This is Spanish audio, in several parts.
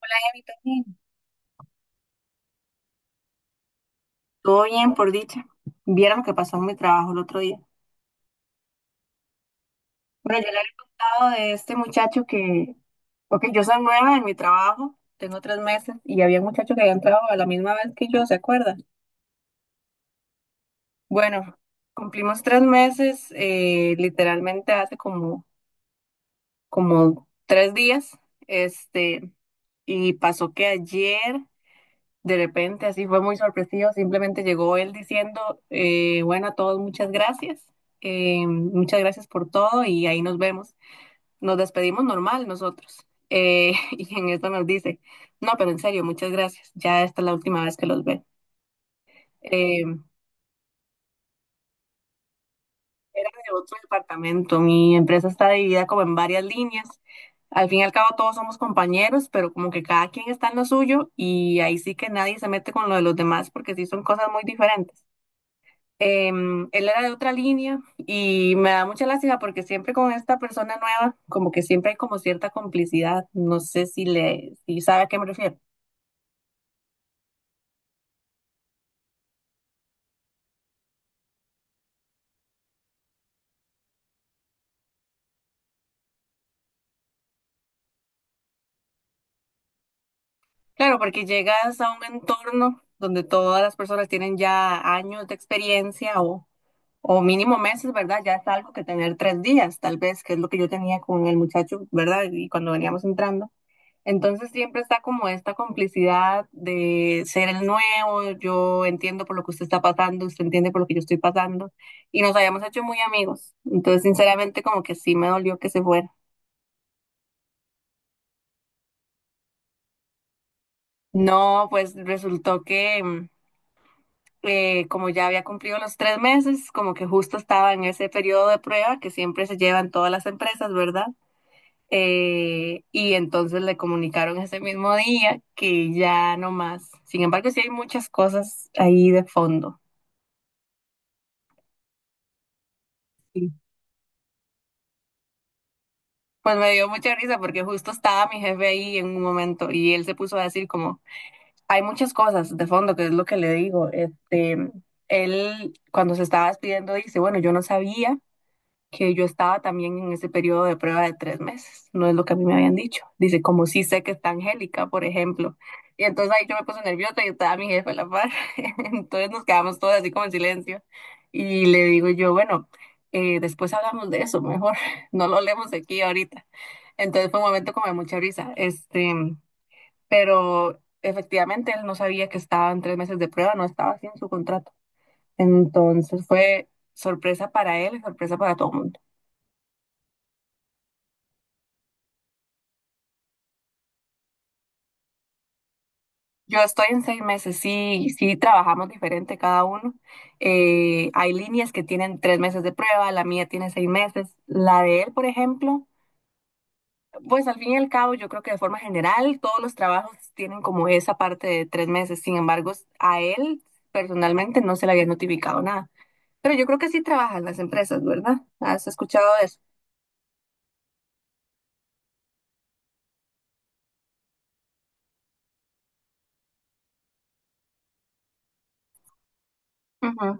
Hola, Emi, ¿todo bien? Todo bien, por dicha. Vieron lo que pasó en mi trabajo el otro día. Bueno, yo le había contado de este muchacho que, ok, yo soy nueva en mi trabajo, tengo tres meses y había un muchacho que había entrado a la misma vez que yo, ¿se acuerdan? Bueno, cumplimos tres meses, literalmente hace como, como tres días, este, y pasó que ayer. De repente, así fue muy sorpresivo, simplemente llegó él diciendo, bueno, a todos muchas gracias por todo y ahí nos vemos. Nos despedimos normal nosotros. Y en esto nos dice, no, pero en serio, muchas gracias, ya esta es la última vez que los ve. Eh, Era de otro departamento, mi empresa está dividida como en varias líneas. Al fin y al cabo todos somos compañeros, pero como que cada quien está en lo suyo y ahí sí que nadie se mete con lo de los demás porque sí son cosas muy diferentes. Él era de otra línea y me da mucha lástima porque siempre con esta persona nueva, como que siempre hay como cierta complicidad. No sé si sabe a qué me refiero. Claro, porque llegas a un entorno donde todas las personas tienen ya años de experiencia o mínimo meses, ¿verdad? Ya es algo que tener tres días, tal vez, que es lo que yo tenía con el muchacho, ¿verdad? Y cuando veníamos entrando. Entonces siempre está como esta complicidad de ser el nuevo, yo entiendo por lo que usted está pasando, usted entiende por lo que yo estoy pasando, y nos habíamos hecho muy amigos. Entonces, sinceramente, como que sí me dolió que se fuera. No, pues resultó que como ya había cumplido los tres meses, como que justo estaba en ese periodo de prueba que siempre se llevan todas las empresas, ¿verdad? Y entonces le comunicaron ese mismo día que ya no más. Sin embargo, sí hay muchas cosas ahí de fondo. Sí. Pues me dio mucha risa porque justo estaba mi jefe ahí en un momento y él se puso a decir como, hay muchas cosas de fondo, que es lo que le digo. Él cuando se estaba despidiendo dice, bueno, yo no sabía que yo estaba también en ese periodo de prueba de tres meses, no es lo que a mí me habían dicho. Dice, como sí sé que está Angélica, por ejemplo. Y entonces ahí yo me puse nerviosa y estaba mi jefe a la par. Entonces nos quedamos todos así como en silencio. Y le digo yo, bueno, después hablamos de eso, mejor no lo hablemos aquí ahorita. Entonces fue un momento como de mucha risa. Pero efectivamente él no sabía que estaba en tres meses de prueba, no estaba así en su contrato. Entonces fue sorpresa para él y sorpresa para todo el mundo. Yo estoy en seis meses, sí, sí trabajamos diferente cada uno. Hay líneas que tienen tres meses de prueba, la mía tiene seis meses. La de él, por ejemplo, pues al fin y al cabo yo creo que de forma general todos los trabajos tienen como esa parte de tres meses. Sin embargo, a él personalmente no se le había notificado nada. Pero yo creo que sí trabajan las empresas, ¿verdad? ¿Has escuchado de eso? Ujú.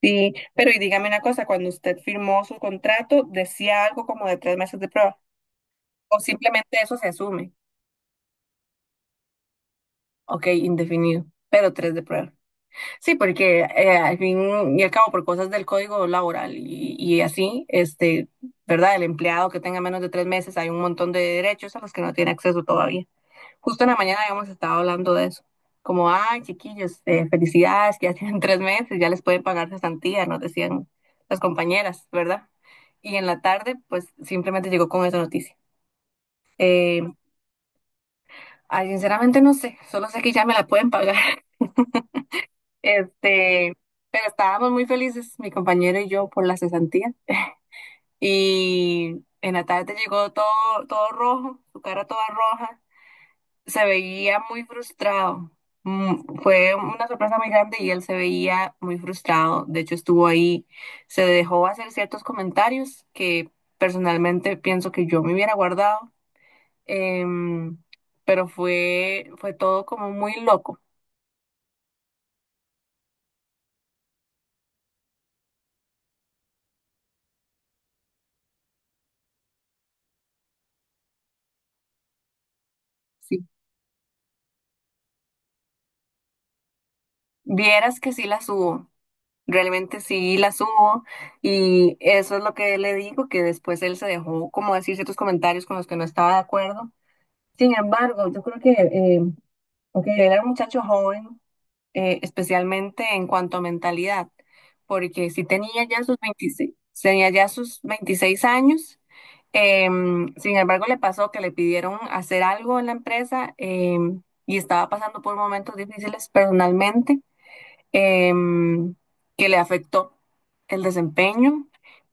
Sí, pero y dígame una cosa, cuando usted firmó su contrato, ¿decía algo como de tres meses de prueba? ¿O simplemente eso se asume? Ok, indefinido, pero tres de prueba. Sí, porque al fin y al cabo, por cosas del código laboral y así, ¿verdad? El empleado que tenga menos de tres meses, hay un montón de derechos a los que no tiene acceso todavía. Justo en la mañana habíamos estado hablando de eso. Como, ay, chiquillos, felicidades, que ya tienen tres meses, ya les pueden pagar cesantía, nos decían las compañeras, ¿verdad? Y en la tarde, pues simplemente llegó con esa noticia. Eh, Ay, sinceramente no sé, solo sé que ya me la pueden pagar. Este, pero estábamos muy felices, mi compañero y yo, por la cesantía. Y en la tarde llegó todo, todo rojo, su cara toda roja. Se veía muy frustrado. Fue una sorpresa muy grande y él se veía muy frustrado. De hecho, estuvo ahí, se dejó hacer ciertos comentarios que personalmente pienso que yo me hubiera guardado. Em, pero fue todo como muy loco. Sí. Vieras que sí la subo. Realmente sí la subo y eso es lo que le digo, que después él se dejó como decir ciertos comentarios con los que no estaba de acuerdo. Sin embargo, yo creo que, ok, él era un muchacho joven, especialmente en cuanto a mentalidad, porque si tenía ya sus 26, tenía ya sus 26 años, sin embargo le pasó que le pidieron hacer algo en la empresa y estaba pasando por momentos difíciles personalmente em, que le afectó el desempeño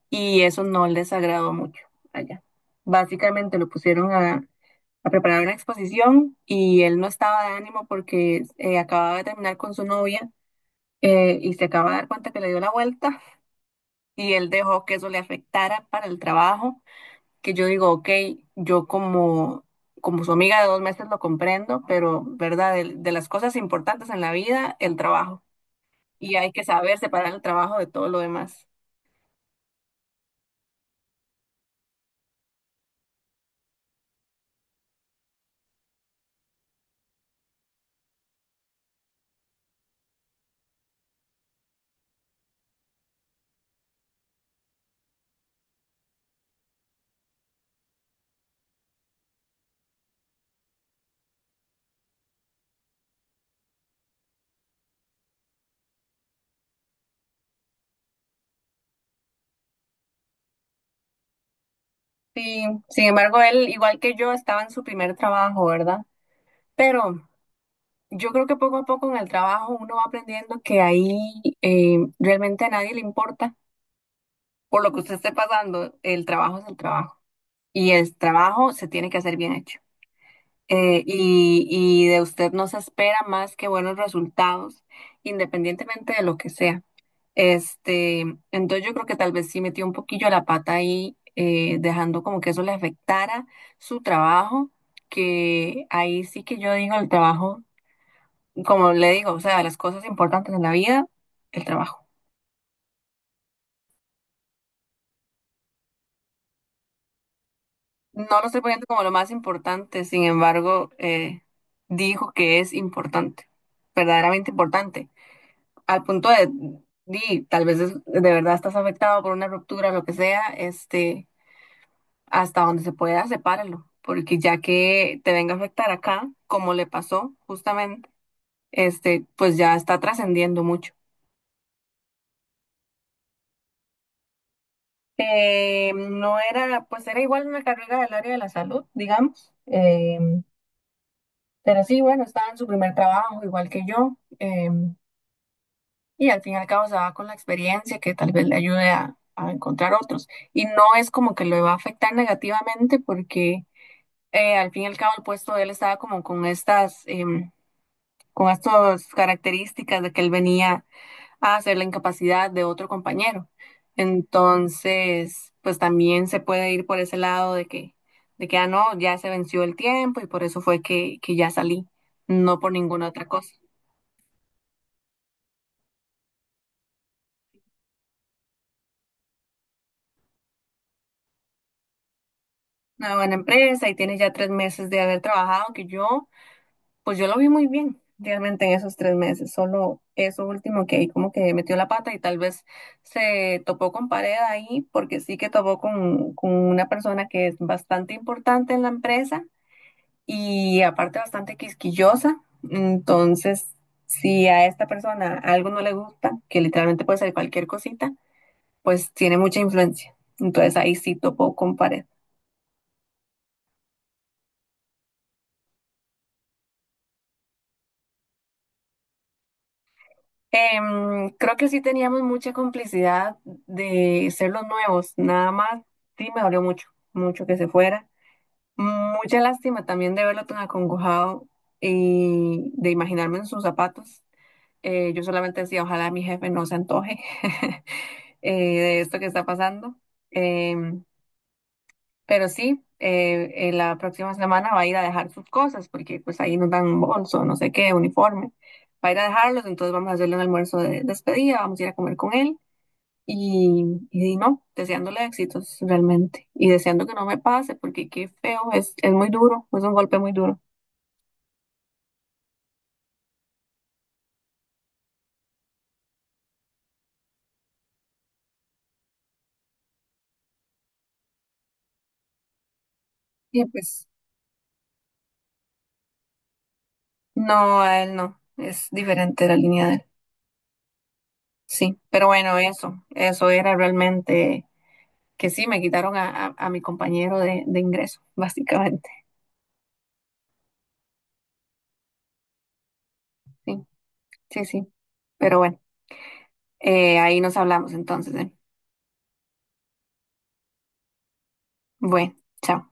y eso no les agradó mucho allá. Básicamente lo pusieron a preparar una exposición y él no estaba de ánimo porque acababa de terminar con su novia y se acaba de dar cuenta que le dio la vuelta y él dejó que eso le afectara para el trabajo, que yo digo, ok, yo como... Como su amiga de dos meses lo comprendo, pero, ¿verdad? de las cosas importantes en la vida, el trabajo y hay que saber separar el trabajo de todo lo demás. Sí, sin embargo, él, igual que yo, estaba en su primer trabajo, ¿verdad? Pero yo creo que poco a poco en el trabajo uno va aprendiendo que ahí realmente a nadie le importa por lo que usted esté pasando, el trabajo es el trabajo y el trabajo se tiene que hacer bien hecho. Y, y de usted no se espera más que buenos resultados, independientemente de lo que sea. Este, entonces yo creo que tal vez sí metió un poquillo la pata ahí, dejando como que eso le afectara su trabajo, que ahí sí que yo digo el trabajo, como le digo, o sea, las cosas importantes en la vida, el trabajo. No lo estoy poniendo como lo más importante, sin embargo, dijo que es importante, verdaderamente importante. Al punto de, di, tal vez de verdad estás afectado por una ruptura, lo que sea, hasta donde se pueda, sepáralo, porque ya que te venga a afectar acá, como le pasó justamente, pues ya está trascendiendo mucho. No era, pues era igual una carrera del área de la salud, digamos, pero sí, bueno, estaba en su primer trabajo, igual que yo. Y al fin y al cabo se va con la experiencia que tal vez le ayude a encontrar otros. Y no es como que le va a afectar negativamente porque al fin y al cabo el puesto de él estaba como con con estas características de que él venía a hacer la incapacidad de otro compañero. Entonces, pues también se puede ir por ese lado de que, ah, no, ya se venció el tiempo y por eso fue que ya salí, no por ninguna otra cosa. Una buena empresa y tienes ya tres meses de haber trabajado que yo. Pues yo lo vi muy bien realmente en esos tres meses, solo eso último que ahí como que metió la pata y tal vez se topó con pared ahí, porque sí que topó con una persona que es bastante importante en la empresa y aparte bastante quisquillosa. Entonces, si a esta persona algo no le gusta, que literalmente puede ser cualquier cosita, pues tiene mucha influencia. Entonces ahí sí topó con pared. Creo que sí teníamos mucha complicidad de ser los nuevos, nada más sí me dolió mucho, mucho que se fuera. Mucha lástima también de verlo tan acongojado y de imaginarme en sus zapatos. Yo solamente decía, ojalá mi jefe no se antoje de esto que está pasando. Em, pero sí, la próxima semana va a ir a dejar sus cosas, porque pues ahí nos dan un bolso, no sé qué, uniforme. Va a ir a dejarlos, entonces vamos a hacerle un almuerzo de despedida, vamos a ir a comer con él. Y no, deseándole éxitos realmente. Y deseando que no me pase, porque qué feo, es muy duro, es un golpe muy duro. Y pues, no, a él no, es diferente la línea de él. Sí, pero bueno, eso era realmente que sí, me quitaron a, a mi compañero de ingreso, básicamente. Sí. Sí, sí. Pero bueno, ahí nos hablamos entonces, ¿eh? Bueno, chao.